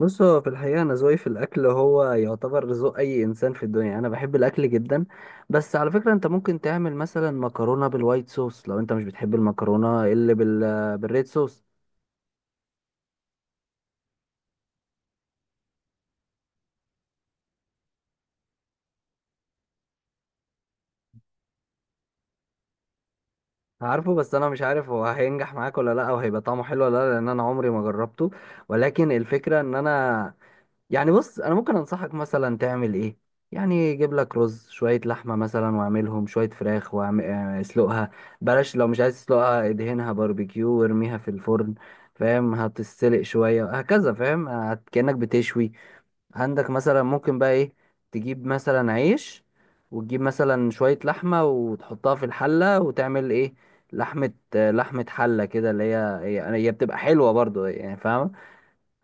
بص، هو في الحقيقة أنا ذوقي في الأكل هو يعتبر ذوق أي إنسان في الدنيا. أنا بحب الأكل جدا. بس على فكرة أنت ممكن تعمل مثلا مكرونة بالوايت صوص لو أنت مش بتحب المكرونة اللي بال بالريد صوص. عارفه، بس أنا مش عارف هو هينجح معاك ولا لأ، أو هيبقى طعمه حلو ولا لأ، لأن أنا عمري ما جربته. ولكن الفكرة إن أنا يعني، بص انا ممكن انصحك مثلا تعمل ايه. يعني جيب لك رز، شويه لحمه مثلا، واعملهم شويه فراخ واسلقها. بلاش، لو مش عايز تسلقها ادهنها باربيكيو وارميها في الفرن. فاهم؟ هتتسلق شويه هكذا. فاهم؟ كانك بتشوي. عندك مثلا ممكن بقى ايه، تجيب مثلا عيش، وتجيب مثلا شويه لحمه وتحطها في الحله وتعمل ايه، لحمه. لحمه حله كده، اللي هي بتبقى حلوه برضو، يعني فاهم.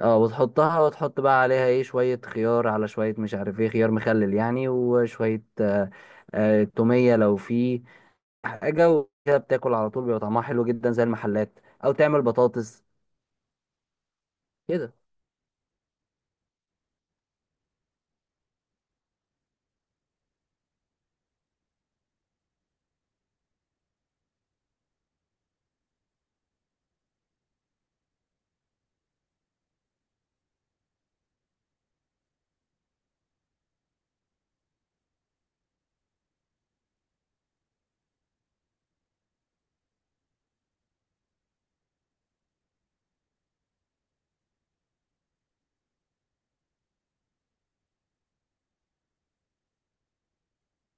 اه، وتحطها وتحط بقى عليها ايه، شوية خيار، على شوية مش عارف ايه، خيار مخلل يعني، وشوية تومية لو في حاجة، وكده بتاكل على طول بيبقى طعمها حلو جدا زي المحلات. او تعمل بطاطس كده.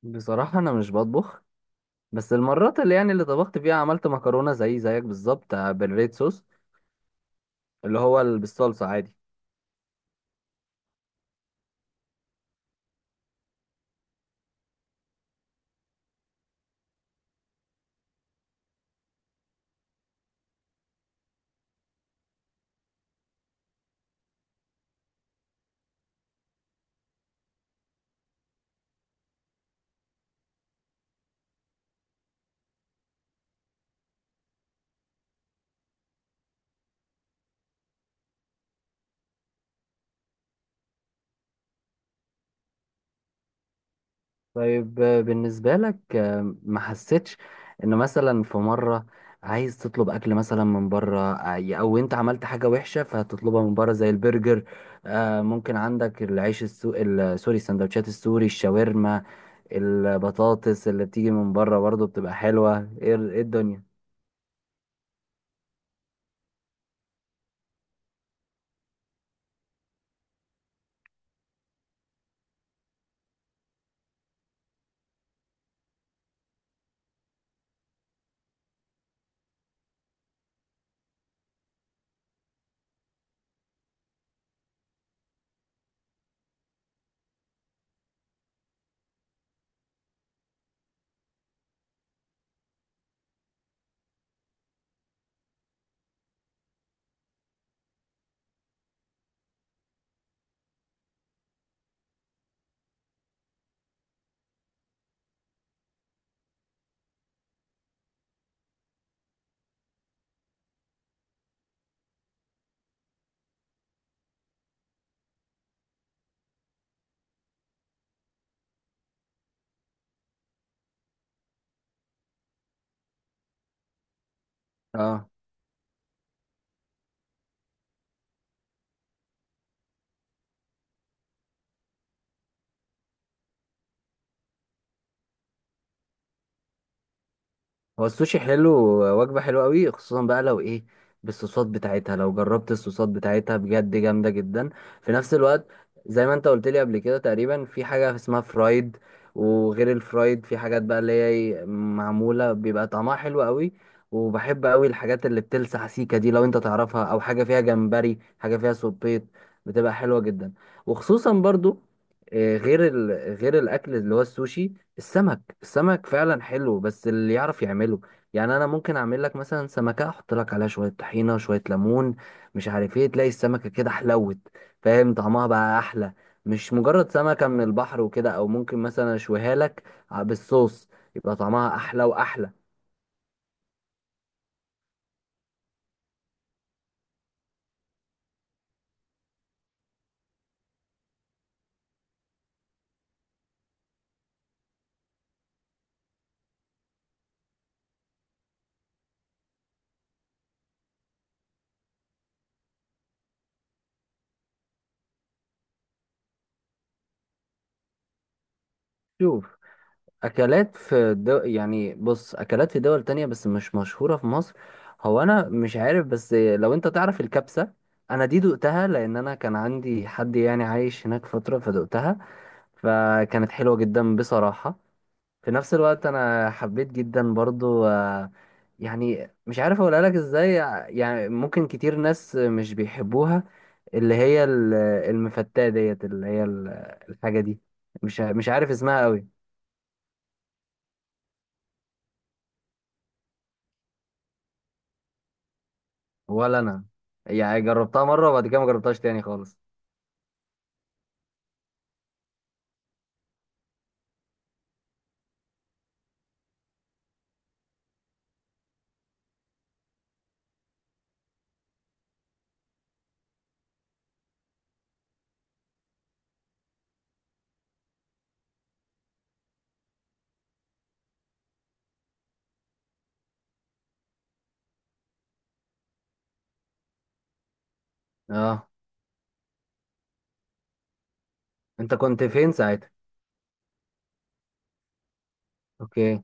بصراحة انا مش بطبخ، بس المرات اللي يعني اللي طبخت فيها عملت مكرونة زي زيك بالظبط، بالريد صوص، اللي هو بالصلصة عادي. طيب، بالنسبة لك ما حسيتش ان مثلا في مرة عايز تطلب اكل مثلا من بره، او انت عملت حاجة وحشة فهتطلبها من بره زي البرجر. آه، ممكن عندك العيش سوري، السندوتشات السوري، الشاورما، البطاطس اللي بتيجي من بره برضه بتبقى حلوة. ايه إيه الدنيا. آه. هو السوشي حلو، وجبة حلوة قوي، خصوصا بقى لو ايه، بالصوصات بتاعتها. لو جربت الصوصات بتاعتها بجد جامدة جدا. في نفس الوقت، زي ما انت قلت لي قبل كده، تقريبا في حاجة اسمها فرايد. وغير الفرايد في حاجات بقى اللي هي إيه، معمولة بيبقى طعمها حلو قوي. وبحب قوي الحاجات اللي بتلسع، سيكا دي لو انت تعرفها، او حاجة فيها جمبري، حاجة فيها سبيط، بتبقى حلوة جدا. وخصوصا برضو، آه، غير ال... غير الاكل اللي هو السوشي، السمك. السمك فعلا حلو بس اللي يعرف يعمله. يعني انا ممكن اعمل لك مثلا سمكه، احط لك عليها شويه طحينه، شويه ليمون، مش عارف ايه، تلاقي السمكه كده حلوت. فاهم؟ طعمها بقى احلى، مش مجرد سمكه من البحر وكده. او ممكن مثلا اشويها لك بالصوص، يبقى طعمها احلى واحلى. شوف، اكلات في دو... يعني بص، اكلات في دول تانية بس مش مشهوره في مصر، هو انا مش عارف، بس لو انت تعرف الكبسه، انا دي دقتها لان انا كان عندي حد يعني عايش هناك فتره فدقتها، فكانت حلوة جدا بصراحة. في نفس الوقت أنا حبيت جدا برضو، آه، يعني مش عارف أقولها لك إزاي، يعني ممكن كتير ناس مش بيحبوها، اللي هي المفتاة ديت، اللي هي الحاجة دي. مش عارف اسمها قوي. ولا أنا، يعني جربتها مرة وبعد كده ما جربتهاش تاني خالص. اه. انت كنت فين ساعتها؟ اوكي.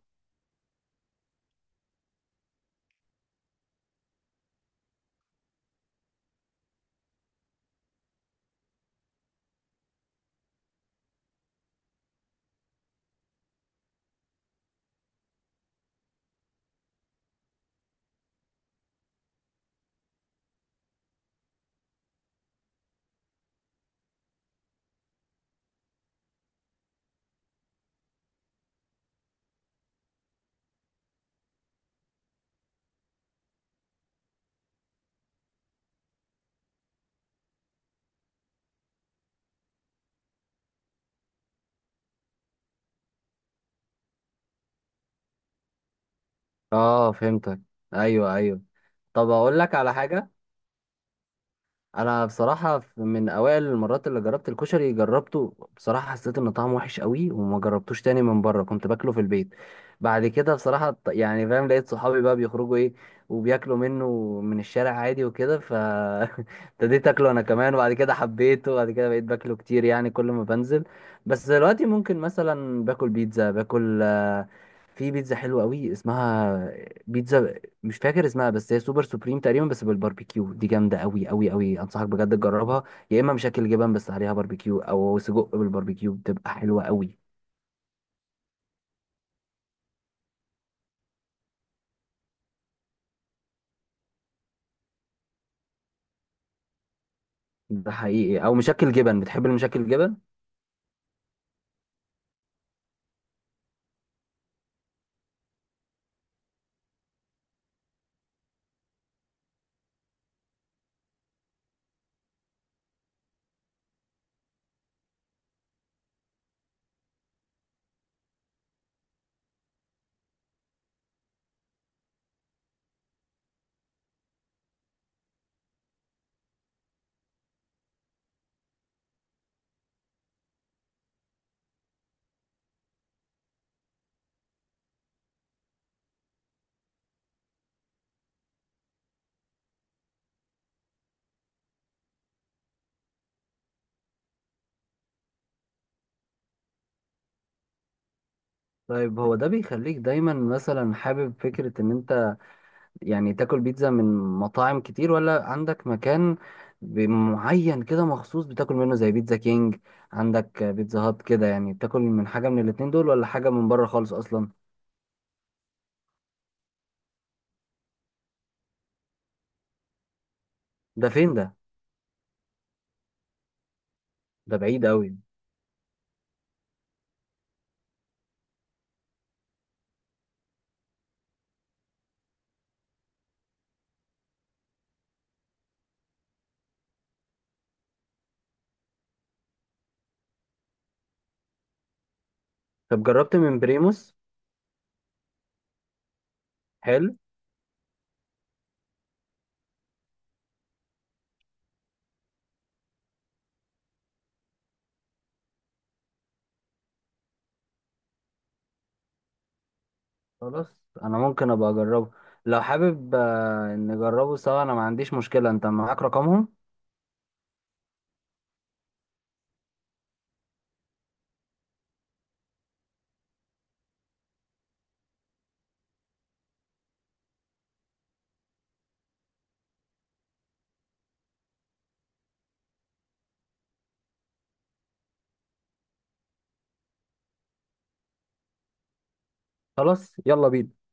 اه، فهمتك. ايوه ايوه. طب اقول لك على حاجة. انا بصراحه من اوائل المرات اللي جربت الكشري جربته، بصراحه حسيت ان طعمه وحش قوي وما جربتوش تاني من بره، كنت باكله في البيت. بعد كده بصراحه يعني فاهم، لقيت صحابي بقى بيخرجوا ايه وبياكلوا منه من الشارع عادي وكده، ف ابتديت اكله انا كمان، وبعد كده حبيته، وبعد كده بقيت باكله كتير يعني كل ما بنزل. بس دلوقتي ممكن مثلا باكل بيتزا، باكل في بيتزا حلوه قوي اسمها بيتزا، مش فاكر اسمها، بس هي سوبر سوبريم تقريبا بس بالباربيكيو، دي جامده قوي قوي قوي، انصحك بجد تجربها. يا اما مشكل جبن بس عليها باربيكيو، او سجق بالباربيكيو، بتبقى حلوه قوي. ده حقيقي، او مشكل جبن، بتحب المشكل جبن؟ طيب، هو ده بيخليك دايما مثلا حابب فكره ان انت يعني تاكل بيتزا من مطاعم كتير، ولا عندك مكان معين كده مخصوص بتاكل منه زي بيتزا كينج، عندك بيتزا هات كده، يعني بتاكل من حاجه من الاتنين دول ولا حاجه من بره خالص اصلا؟ ده فين ده؟ ده بعيد قوي. طب جربت من بريموس؟ حلو. خلاص، انا ممكن ابقى اجربه. لو حابب، آه، نجربه سوا، انا ما عنديش مشكلة. انت معاك رقمهم؟ خلاص يلا بينا.